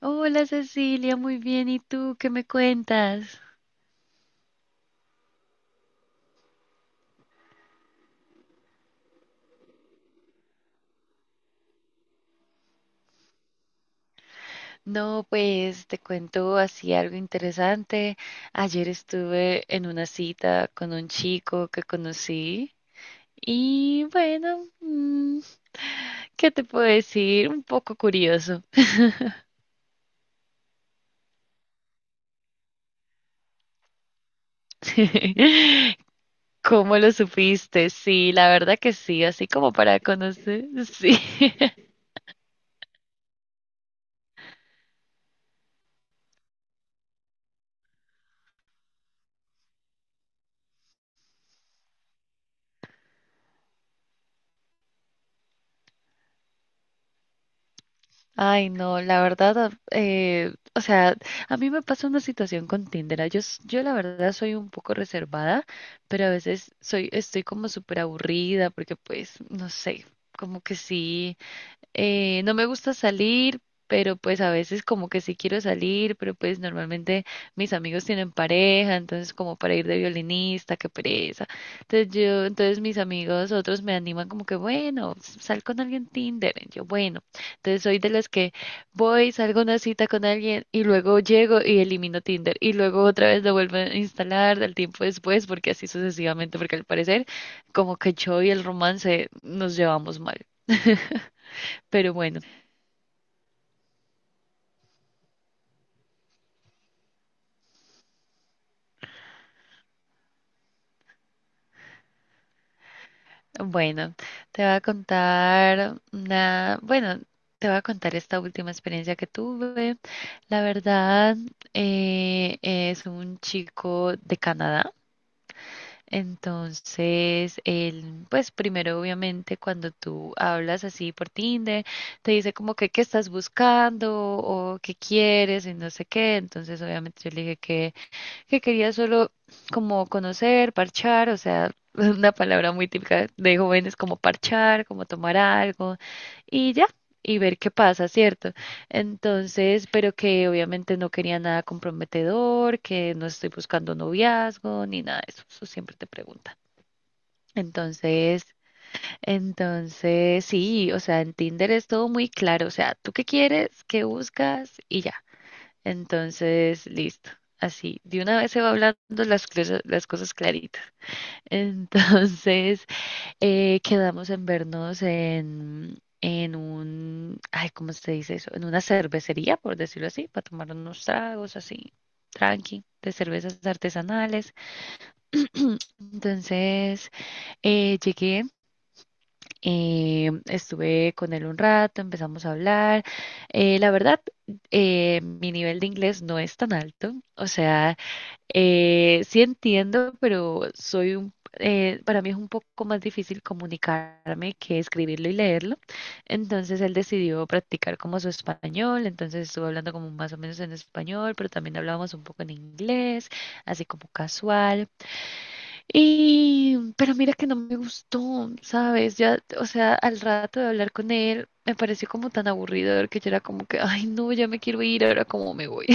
Hola Cecilia, muy bien. ¿Y tú qué me cuentas? No, pues te cuento así algo interesante. Ayer estuve en una cita con un chico que conocí y bueno, ¿qué te puedo decir? Un poco curioso. ¿Cómo lo supiste? Sí, la verdad que sí, así como para conocer, sí. Ay, no, la verdad, o sea, a mí me pasa una situación con Tinder. Yo, yo la verdad soy un poco reservada, pero a veces soy, estoy como súper aburrida porque pues, no sé, como que sí. No me gusta salir, pero pues a veces como que sí quiero salir, pero pues normalmente mis amigos tienen pareja, entonces como para ir de violinista, qué pereza. Entonces mis amigos, otros me animan como que, bueno, sal con alguien Tinder. Y yo, bueno, entonces soy de las que voy, salgo a una cita con alguien y luego llego y elimino Tinder y luego otra vez lo vuelvo a instalar del tiempo después, porque así sucesivamente, porque al parecer como que yo y el romance nos llevamos mal. Pero bueno, bueno, te voy a contar una, bueno, te voy a contar esta última experiencia que tuve. La verdad, es un chico de Canadá. Entonces, él, pues primero, obviamente, cuando tú hablas así por Tinder, te dice como que qué estás buscando o qué quieres y no sé qué. Entonces, obviamente, yo le dije que quería solo como conocer, parchar, o sea, una palabra muy típica de jóvenes como parchar, como tomar algo y ya, y ver qué pasa, ¿cierto? Entonces, pero que obviamente no quería nada comprometedor, que no estoy buscando noviazgo ni nada de eso, eso siempre te preguntan. Entonces, entonces sí, o sea, en Tinder es todo muy claro, o sea, ¿tú qué quieres? ¿Qué buscas? Y ya. Entonces, listo. Así, de una vez se va hablando las cosas claritas. Entonces, quedamos en vernos en un, ay, ¿cómo se dice eso? En una cervecería, por decirlo así, para tomar unos tragos así, tranqui, de cervezas artesanales. Entonces, llegué, estuve con él un rato, empezamos a hablar. La verdad, mi nivel de inglés no es tan alto. O sea, sí entiendo, pero soy un, para mí es un poco más difícil comunicarme que escribirlo y leerlo. Entonces él decidió practicar como su español. Entonces estuve hablando como más o menos en español, pero también hablábamos un poco en inglés, así como casual. Y, pero mira que no me gustó, ¿sabes? Ya, o sea, al rato de hablar con él, me pareció como tan aburridor que yo era como que, ay, no, ya me quiero ir, ahora cómo me voy.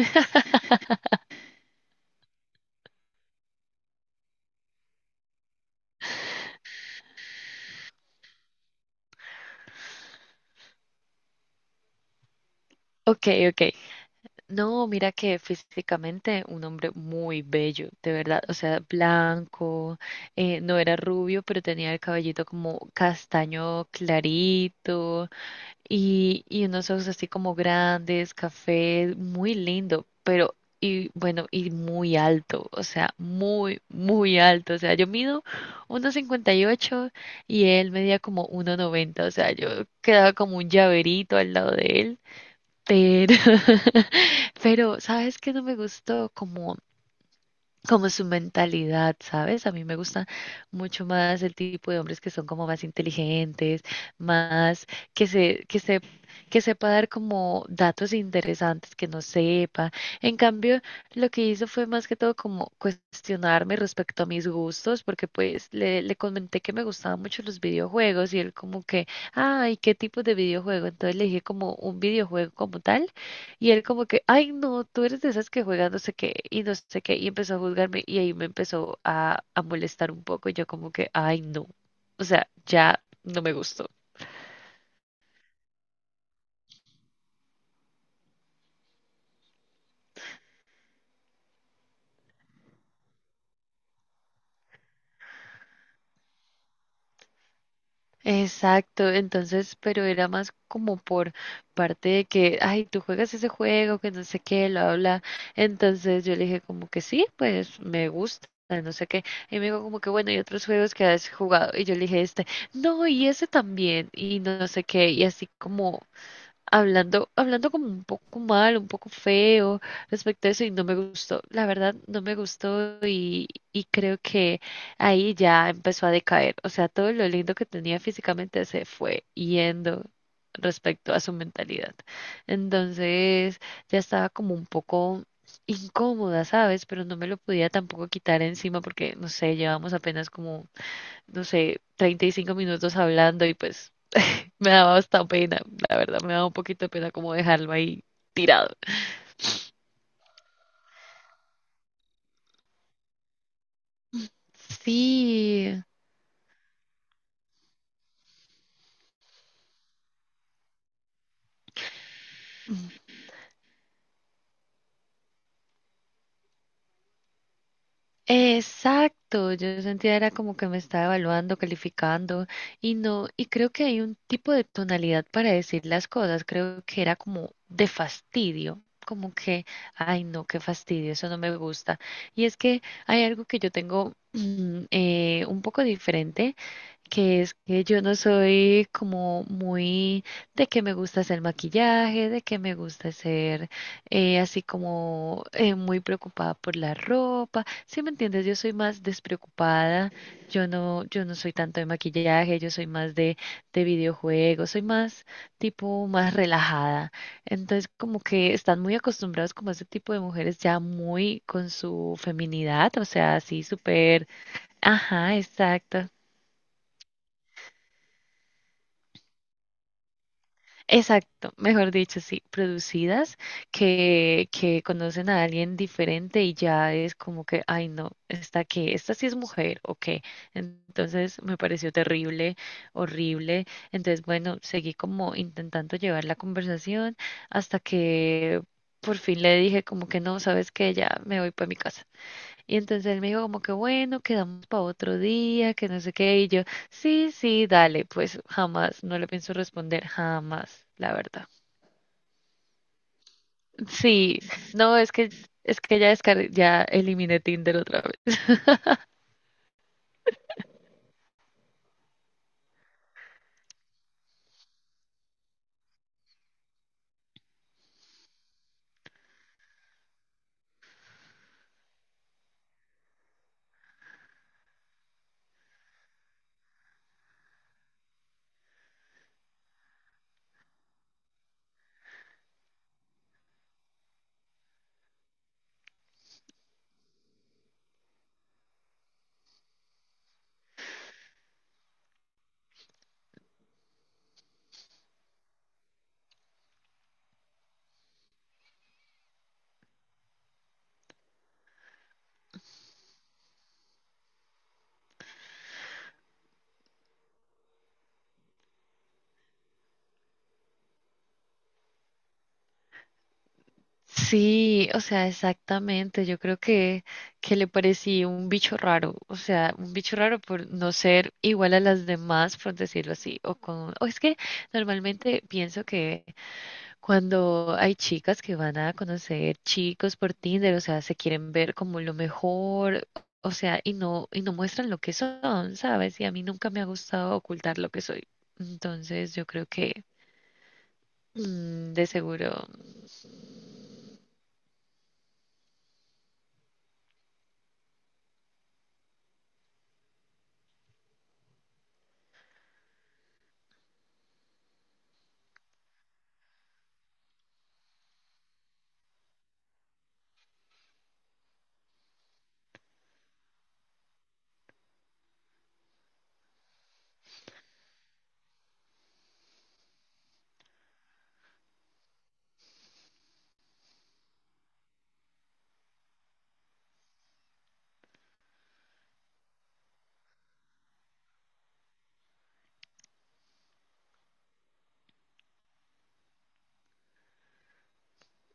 Ok, ok. No, mira que físicamente un hombre muy bello, de verdad. O sea, blanco, no era rubio, pero tenía el cabellito como castaño clarito. Y unos ojos así como grandes, café, muy lindo, pero y bueno, y muy alto, o sea, muy, muy alto, o sea, yo mido 1,58 y él medía como 1,90, o sea, yo quedaba como un llaverito al lado de él, pero, pero, ¿sabes qué no me gustó? Como su mentalidad, ¿sabes? A mí me gusta mucho más el tipo de hombres que son como más inteligentes, más que se, que se, que sepa dar como datos interesantes que no sepa. En cambio, lo que hizo fue más que todo como cuestionarme respecto a mis gustos, porque pues le comenté que me gustaban mucho los videojuegos y él como que, ay, ¿qué tipo de videojuego? Entonces le dije como un videojuego como tal y él como que, ay, no, tú eres de esas que juegan no sé qué y no sé qué, y empezó a juzgarme y ahí me empezó a molestar un poco. Yo como que, ay, no, o sea, ya no me gustó. Exacto, entonces, pero era más como por parte de que, ay, tú juegas ese juego, que no sé qué, lo habla. Entonces yo le dije como que sí, pues me gusta, no sé qué. Y me dijo como que, bueno, y otros juegos que has jugado. Y yo le dije este, no, y ese también, y no sé qué, y así como hablando, hablando como un poco mal, un poco feo respecto a eso y no me gustó, la verdad no me gustó y creo que ahí ya empezó a decaer, o sea, todo lo lindo que tenía físicamente se fue yendo respecto a su mentalidad. Entonces ya estaba como un poco incómoda, ¿sabes? Pero no me lo podía tampoco quitar encima porque, no sé, llevamos apenas como, no sé, 35 minutos hablando y pues me daba hasta pena, la verdad, me daba un poquito de pena como dejarlo ahí tirado. Sí, exacto. Yo sentía era como que me estaba evaluando, calificando y no, y creo que hay un tipo de tonalidad para decir las cosas. Creo que era como de fastidio, como que, ay no, qué fastidio, eso no me gusta. Y es que hay algo que yo tengo un poco diferente que es que yo no soy como muy de que me gusta hacer maquillaje, de que me gusta ser así como muy preocupada por la ropa. ¿Sí me entiendes? Yo soy más despreocupada. Yo no, yo no soy tanto de maquillaje, yo soy más de videojuegos, soy más tipo más relajada. Entonces, como que están muy acostumbrados como a ese tipo de mujeres ya muy con su feminidad, o sea, así súper, ajá, exacto. Exacto, mejor dicho, sí, producidas que conocen a alguien diferente y ya es como que, ay no, esta que, esta sí es mujer o qué. Entonces me pareció terrible, horrible. Entonces, bueno, seguí como intentando llevar la conversación hasta que por fin le dije como que no, sabes que ya me voy para mi casa. Y entonces él me dijo como que bueno, quedamos para otro día, que no sé qué. Y yo, sí, sí, dale, pues jamás, no le pienso responder, jamás, la verdad. Sí, no, es que ya descargué, ya eliminé Tinder otra vez. Sí, o sea, exactamente. Yo creo que le parecí un bicho raro, o sea, un bicho raro por no ser igual a las demás, por decirlo así, o con, o es que normalmente pienso que cuando hay chicas que van a conocer chicos por Tinder, o sea, se quieren ver como lo mejor, o sea, y no muestran lo que son, ¿sabes? Y a mí nunca me ha gustado ocultar lo que soy. Entonces, yo creo que mm, de seguro.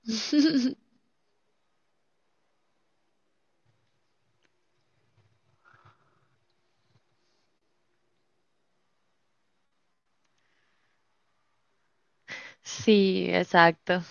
Sí, exacto.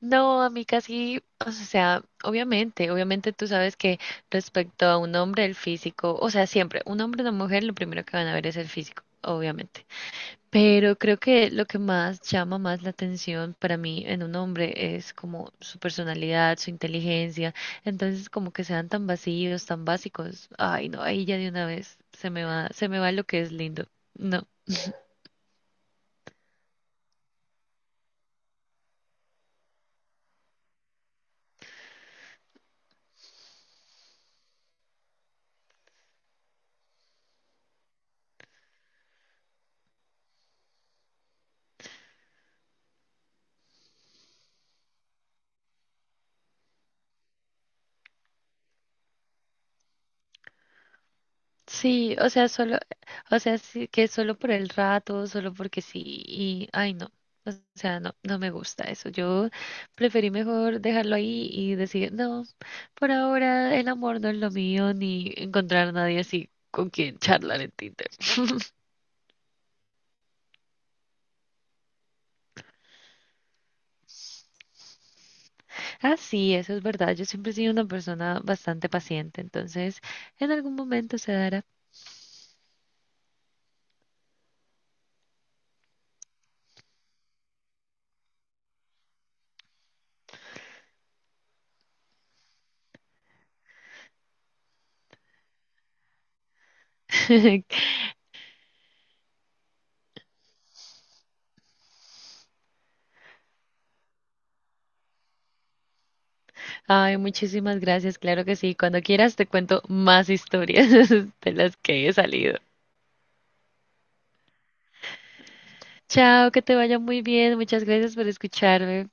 No, a mí casi, o sea, obviamente, obviamente tú sabes que respecto a un hombre, el físico, o sea, siempre, un hombre o una mujer, lo primero que van a ver es el físico, obviamente. Pero creo que lo que más llama más la atención para mí en un hombre es como su personalidad, su inteligencia. Entonces, como que sean tan vacíos, tan básicos. Ay, no, ahí ya de una vez se me va lo que es lindo. No. Sí, o sea, solo, o sea, sí, que solo por el rato, solo porque sí, y ay no, o sea, no, no me gusta eso. Yo preferí mejor dejarlo ahí y decir, no, por ahora el amor no es lo mío, ni encontrar a nadie así con quien charlar en Tinder. Ah, sí, eso es verdad. Yo siempre he sido una persona bastante paciente, entonces en algún momento se dará. Ay, muchísimas gracias, claro que sí. Cuando quieras te cuento más historias de las que he salido. Chao, que te vaya muy bien. Muchas gracias por escucharme.